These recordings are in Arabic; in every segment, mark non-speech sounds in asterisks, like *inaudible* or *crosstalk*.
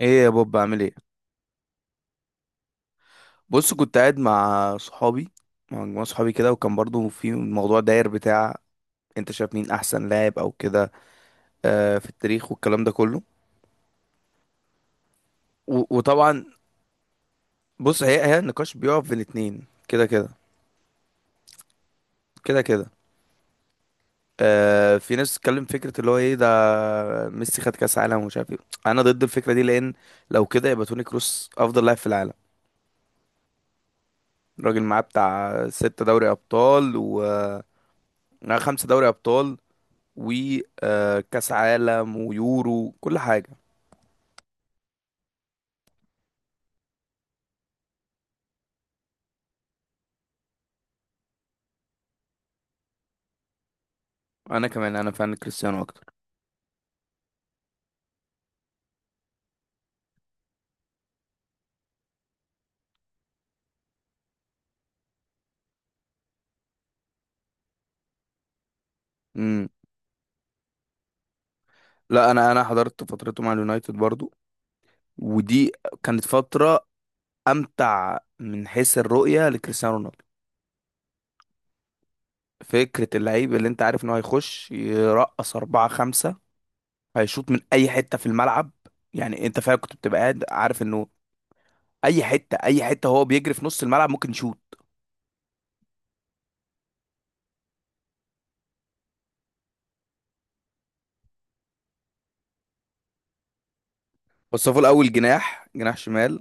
ايه يا بوب؟ بعمل ايه؟ بص، كنت قاعد مع صحابي، مع مجموعة صحابي كده، وكان برضو في الموضوع داير بتاع انت شايف مين احسن لاعب او كده، في التاريخ والكلام ده كله. و- وطبعا. بص، هي هي النقاش بيقف بين اتنين كده كده كده كده. في ناس بتتكلم فكرة اللي هو ايه ده، ميسي خد كاس عالم ومش عارف ايه. انا ضد الفكرة دي لان لو كده يبقى توني كروس افضل لاعب في العالم. الراجل معاه بتاع 6 دوري ابطال و معاه 5 دوري ابطال وكاس عالم ويورو كل حاجه. انا كمان انا فان كريستيانو اكتر. امم. لا، انا حضرت فترته مع اليونايتد برضو، ودي كانت فتره امتع من حيث الرؤيه لكريستيانو رونالدو. فكره اللعيب اللي انت عارف انه هيخش يرقص أربعة خمسة، هيشوط من اي حته في الملعب. يعني انت فعلا كنت بتبقى قاعد عارف انه اي حته اي حته هو بيجري في نص الملعب ممكن يشوط. بس هو في الاول جناح شمال.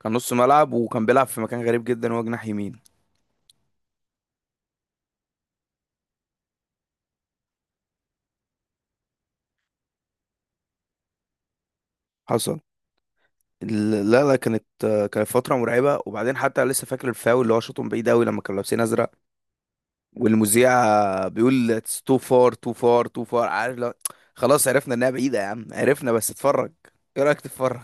كان نص ملعب، وكان بيلعب في مكان غريب جدا، هو جناح يمين. حصل. لا لا، كانت فترة مرعبة. وبعدين حتى لسه فاكر الفاول اللي هو شاطهم بعيد قوي لما كانوا لابسين ازرق، والمذيع بيقول تو فار تو فار تو فار، عارف لا؟ خلاص، عرفنا انها بعيدة يا عم، عرفنا، بس اتفرج، ايه رأيك تتفرج.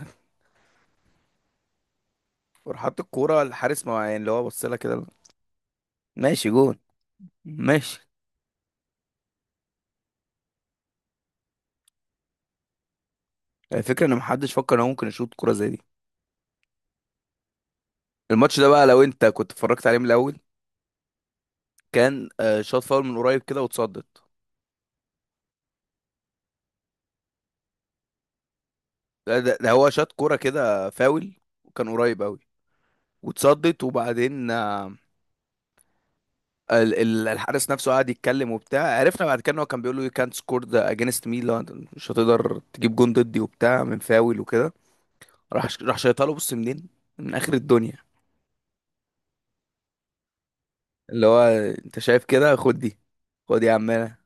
وراح حاطط الكورة، الحارس ما يعني اللي هو بص لها كده، ماشي جون، ماشي. الفكرة ان محدش فكر ان هو ممكن يشوط كورة زي دي. الماتش ده بقى، لو انت كنت اتفرجت عليه من الاول، كان شاط فاول من قريب كده واتصدت. ده هو شاط كورة كده فاول، وكان قريب قوي، واتصدت. وبعدين الحارس نفسه قعد يتكلم وبتاع، عرفنا بعد كده ان هو كان بيقول له: you can't score the against me، لو أنت مش هتقدر تجيب جون ضدي وبتاع من فاول وكده. راح شيطها له، بص منين؟ من اخر الدنيا. اللي هو انت شايف كده، خد دي، خد يا عمنا،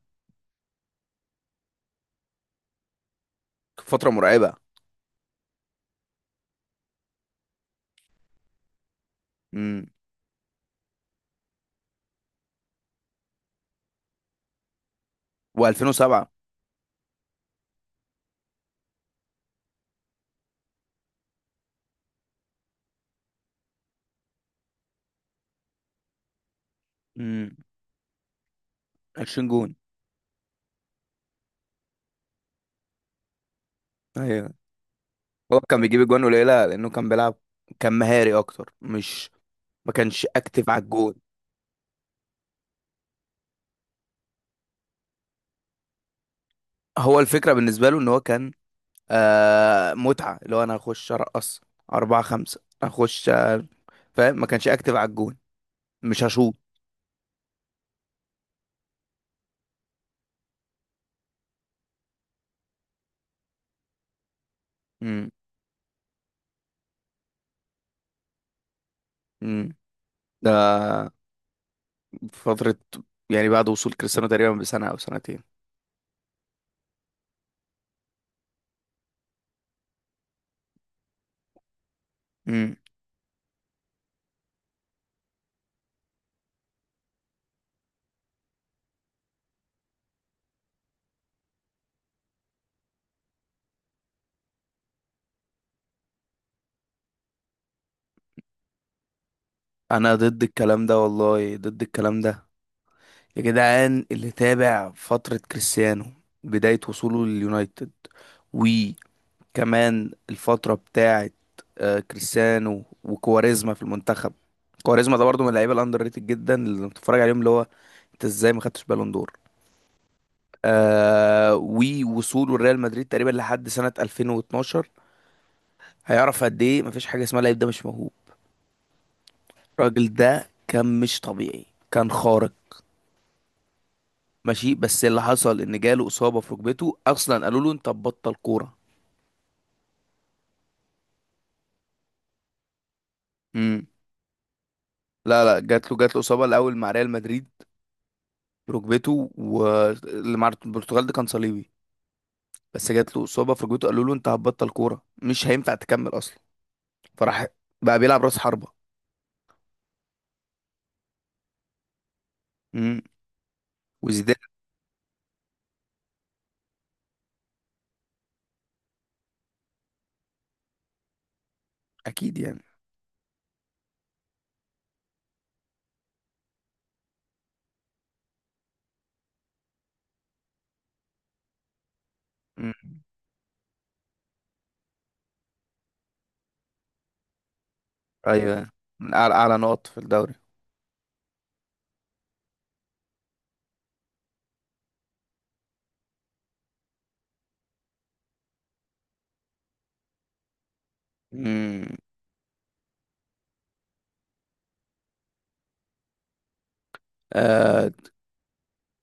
فترة مرعبة. امم. و2007. امم. 20 جون. ايوه، هو كان بيجيب جوان قليلة لانه كان بيلعب، كان مهاري اكتر، مش ما كانش اكتف على الجون. هو الفكرة بالنسبة له ان هو كان متعة، اللي هو انا هخش ارقص اربعة خمسة، اخش، فاهم؟ ما كانش اكتف على الجون، مش هشوط. امم. امم. ده فترة، يعني بعد وصول كريستيانو تقريبا بسنة او سنتين. امم. انا ضد الكلام ده، والله ضد الكلام ده. يا جدعان، اللي تابع فترة كريستيانو بداية وصوله لليونايتد، كمان الفترة بتاعت كريستيانو وكواريزما في المنتخب، كواريزما ده برضو من اللعيبة الأندر ريتد جدا اللي بتتفرج عليهم، اللي هو انت ازاي ما خدتش بالون دور، ووصوله لريال مدريد تقريبا لحد سنة 2012، هيعرف قد ايه مفيش حاجة اسمها لعيب ده مش موهوب. الراجل ده كان مش طبيعي، كان خارق. ماشي، بس اللي حصل ان جاله إصابة في ركبته، اصلا قالوا له انت بطل كورة. امم. لا لا، جات له إصابة الأول مع ريال مدريد، ركبته، واللي مع البرتغال ده كان صليبي. بس جات له إصابة في ركبته، قالوا له أنت هتبطل كورة، مش هينفع تكمل أصلا. فراح بقى بيلعب رأس حربة. امم. وزيدان. أكيد يعني. امم. أيوه يعني. من أعلى أعلى نقط في الدوري. امم. آه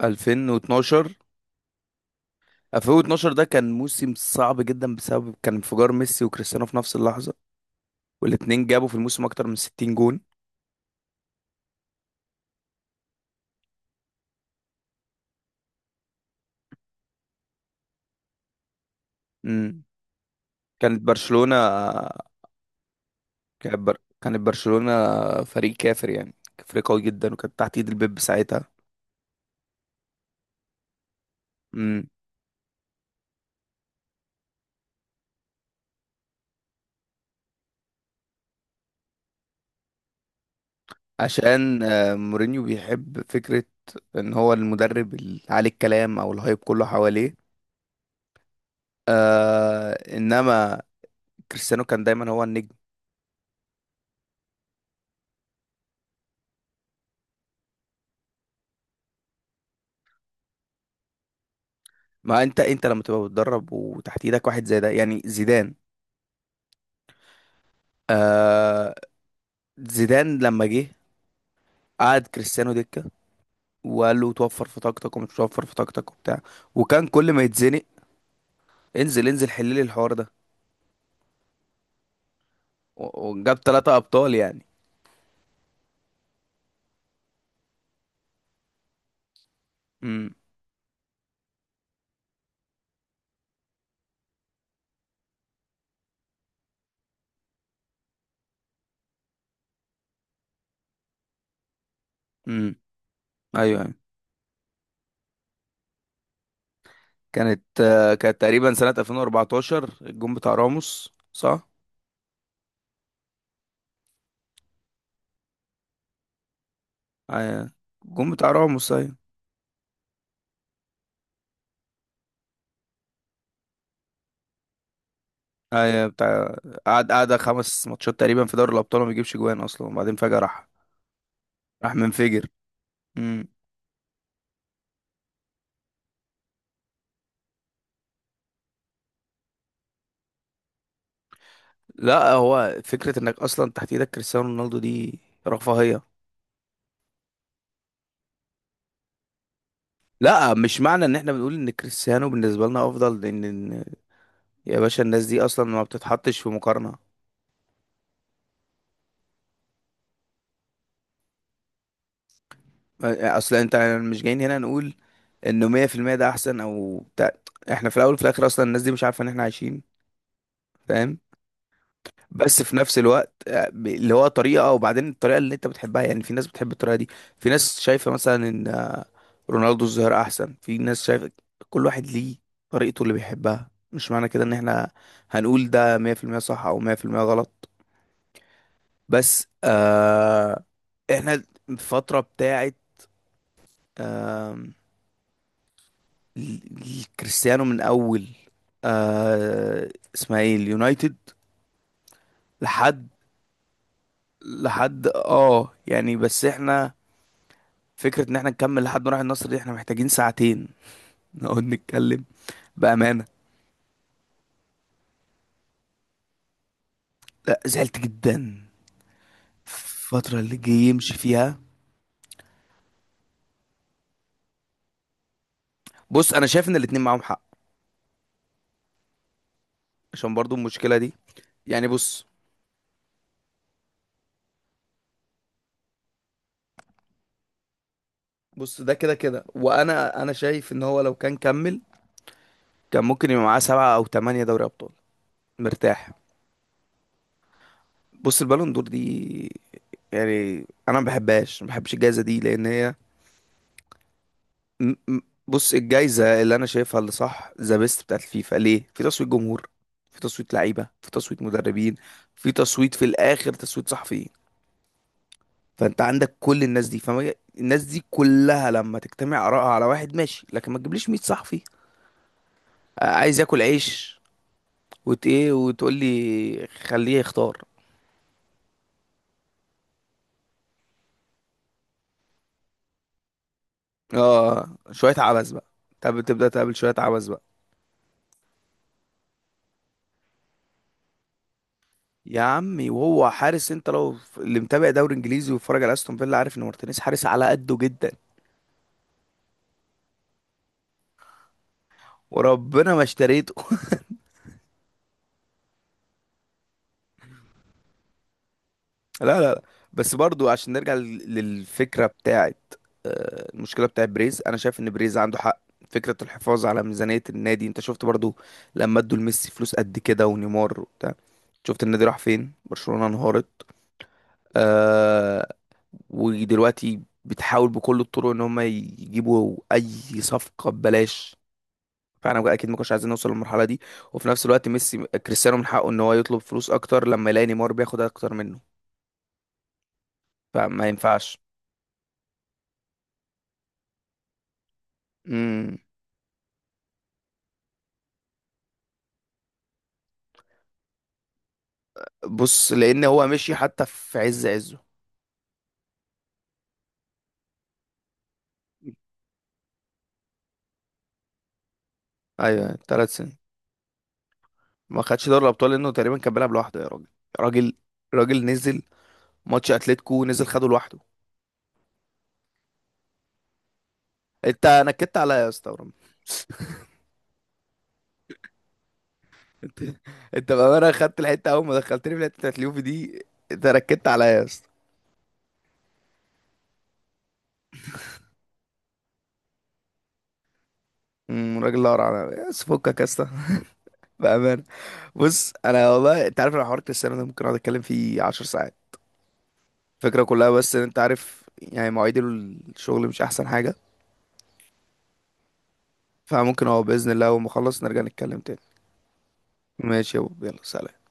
2012. 2012 ده كان موسم صعب جدا، بسبب كان انفجار ميسي وكريستيانو في نفس اللحظة، والاتنين جابوا في الموسم أكتر من 60 جون. امم. كانت برشلونة. كانت برشلونة فريق كافر يعني، فريق قوي جدا، وكانت تحت ايد البيب ساعتها. امم. عشان مورينيو بيحب فكرة ان هو المدرب اللي عليه الكلام او الهايب كله حواليه، آه انما كريستيانو كان دايما هو النجم. ما انت لما تبقى بتدرب وتحت ايدك واحد زي ده يعني زيدان، آه زيدان لما جه قعد كريستيانو دكة، وقال له توفر في طاقتك، ومش توفر في طاقتك وبتاع، وكان كل ما يتزنق انزل انزل حل لي الحوار ده. و- وجاب 3 أبطال يعني. امم. امم. أيوه أيوه، كانت تقريبا سنة 2014، الجون بتاع راموس، صح؟ أيوه، الجون بتاع راموس، أيوه أيوه بتاع. قعد 5 ماتشات تقريبا في دوري الأبطال وما بيجيبش جوان أصلا، وبعدين فجأة راح، راح منفجر. امم. لا، هو فكرة إنك أصلا تحت إيدك كريستيانو رونالدو دي رفاهية. لا، مش معنى ان احنا بنقول ان كريستيانو بالنسبه لنا افضل لان إن- يا باشا، الناس دي اصلا ما بتتحطش في مقارنه. اصل انت، مش جايين هنا نقول انه 100% ده احسن او بتاع. احنا في الاول وفي الاخر اصلا الناس دي مش عارفه ان احنا عايشين، فاهم؟ بس في نفس الوقت اللي هو طريقه، وبعدين الطريقه اللي انت بتحبها يعني، في ناس بتحب الطريقه دي، في ناس شايفه مثلا ان رونالدو الظاهره احسن، في ناس شايفه كل واحد ليه طريقته اللي بيحبها، مش معنى كده ان احنا هنقول ده 100% صح او 100% غلط. بس احنا الفتره بتاعت كريستيانو من اول آه اسمها ايه، اليونايتد، لحد، لحد يعني. بس احنا فكرة ان احنا نكمل لحد ما نروح النصر دي احنا محتاجين ساعتين نقعد نتكلم، بأمانة. لا، زعلت جدا. الفترة اللي جاي يمشي فيها، بص انا شايف ان الاتنين معاهم حق، عشان برضو المشكلة دي. يعني بص، بص ده كده كده، وانا انا شايف ان هو لو كان كمل كان ممكن يبقى معاه 7 او 8 دوري ابطال مرتاح. بص البالون دور دي، يعني انا ما بحبهاش، ما بحبش الجائزه دي لان هي م- م- بص، الجائزه اللي انا شايفها اللي صح ذا بيست بتاعت الفيفا، ليه في تصويت جمهور، في تصويت لعيبه، في تصويت مدربين، في تصويت في الاخر تصويت صحفيين. فانت عندك كل الناس دي، فما الناس دي كلها لما تجتمع آرائها على واحد، ماشي. لكن ما تجيبليش 100 صحفي عايز ياكل عيش وت ايه، وتقول لي خليه يختار. اه، شويه عبث بقى، طب تبدا تقابل شويه عبث بقى. يا عمي، وهو حارس، انت لو اللي متابع دوري انجليزي وبيتفرج على استون فيلا عارف ان مارتينيز حارس على قده جدا، وربنا ما اشتريته. *laughs* لا لا لا. بس برضو عشان نرجع للفكرة بتاعت المشكلة بتاعت بريز، انا شايف ان بريز عنده حق، فكرة الحفاظ على ميزانية النادي. انت شفت برضو لما ادوا لميسي فلوس قد كده ونيمار وبتاع، شفت النادي راح فين؟ برشلونة انهارت. آه ودلوقتي بتحاول بكل الطرق ان هم يجيبوا اي صفقة ببلاش، فانا بقى اكيد ما كناش عايزين نوصل للمرحله دي. وفي نفس الوقت ميسي كريستيانو من حقه ان هو يطلب فلوس اكتر لما يلاقي نيمار بياخد اكتر منه، فما ينفعش. امم. بص، لان هو مشي حتى في عز عزه. ايوه 3 سنين. ما خدش دوري الابطال لانه تقريبا كان بيلعب لوحده، يا راجل. راجل، راجل نزل ماتش اتلتيكو نزل خده لوحده. انت نكدت عليا يا اسطى ورم. انت انت بامانه خدت الحته اول ما دخلتني في الحته بتاعت اليوفي دي. انت نكدت عليا يا اسطى. راجل، لا على بس فكك يا اسطى، بأمانة. بص انا والله انت عارف، انا حوار كريستيانو ده ممكن اقعد اتكلم فيه 10 ساعات، الفكرة كلها. بس ان انت عارف يعني مواعيد الشغل مش احسن حاجة، فممكن هو بإذن الله اول ما اخلص نرجع نتكلم تاني. ماشي يا بوب، يلا سلام.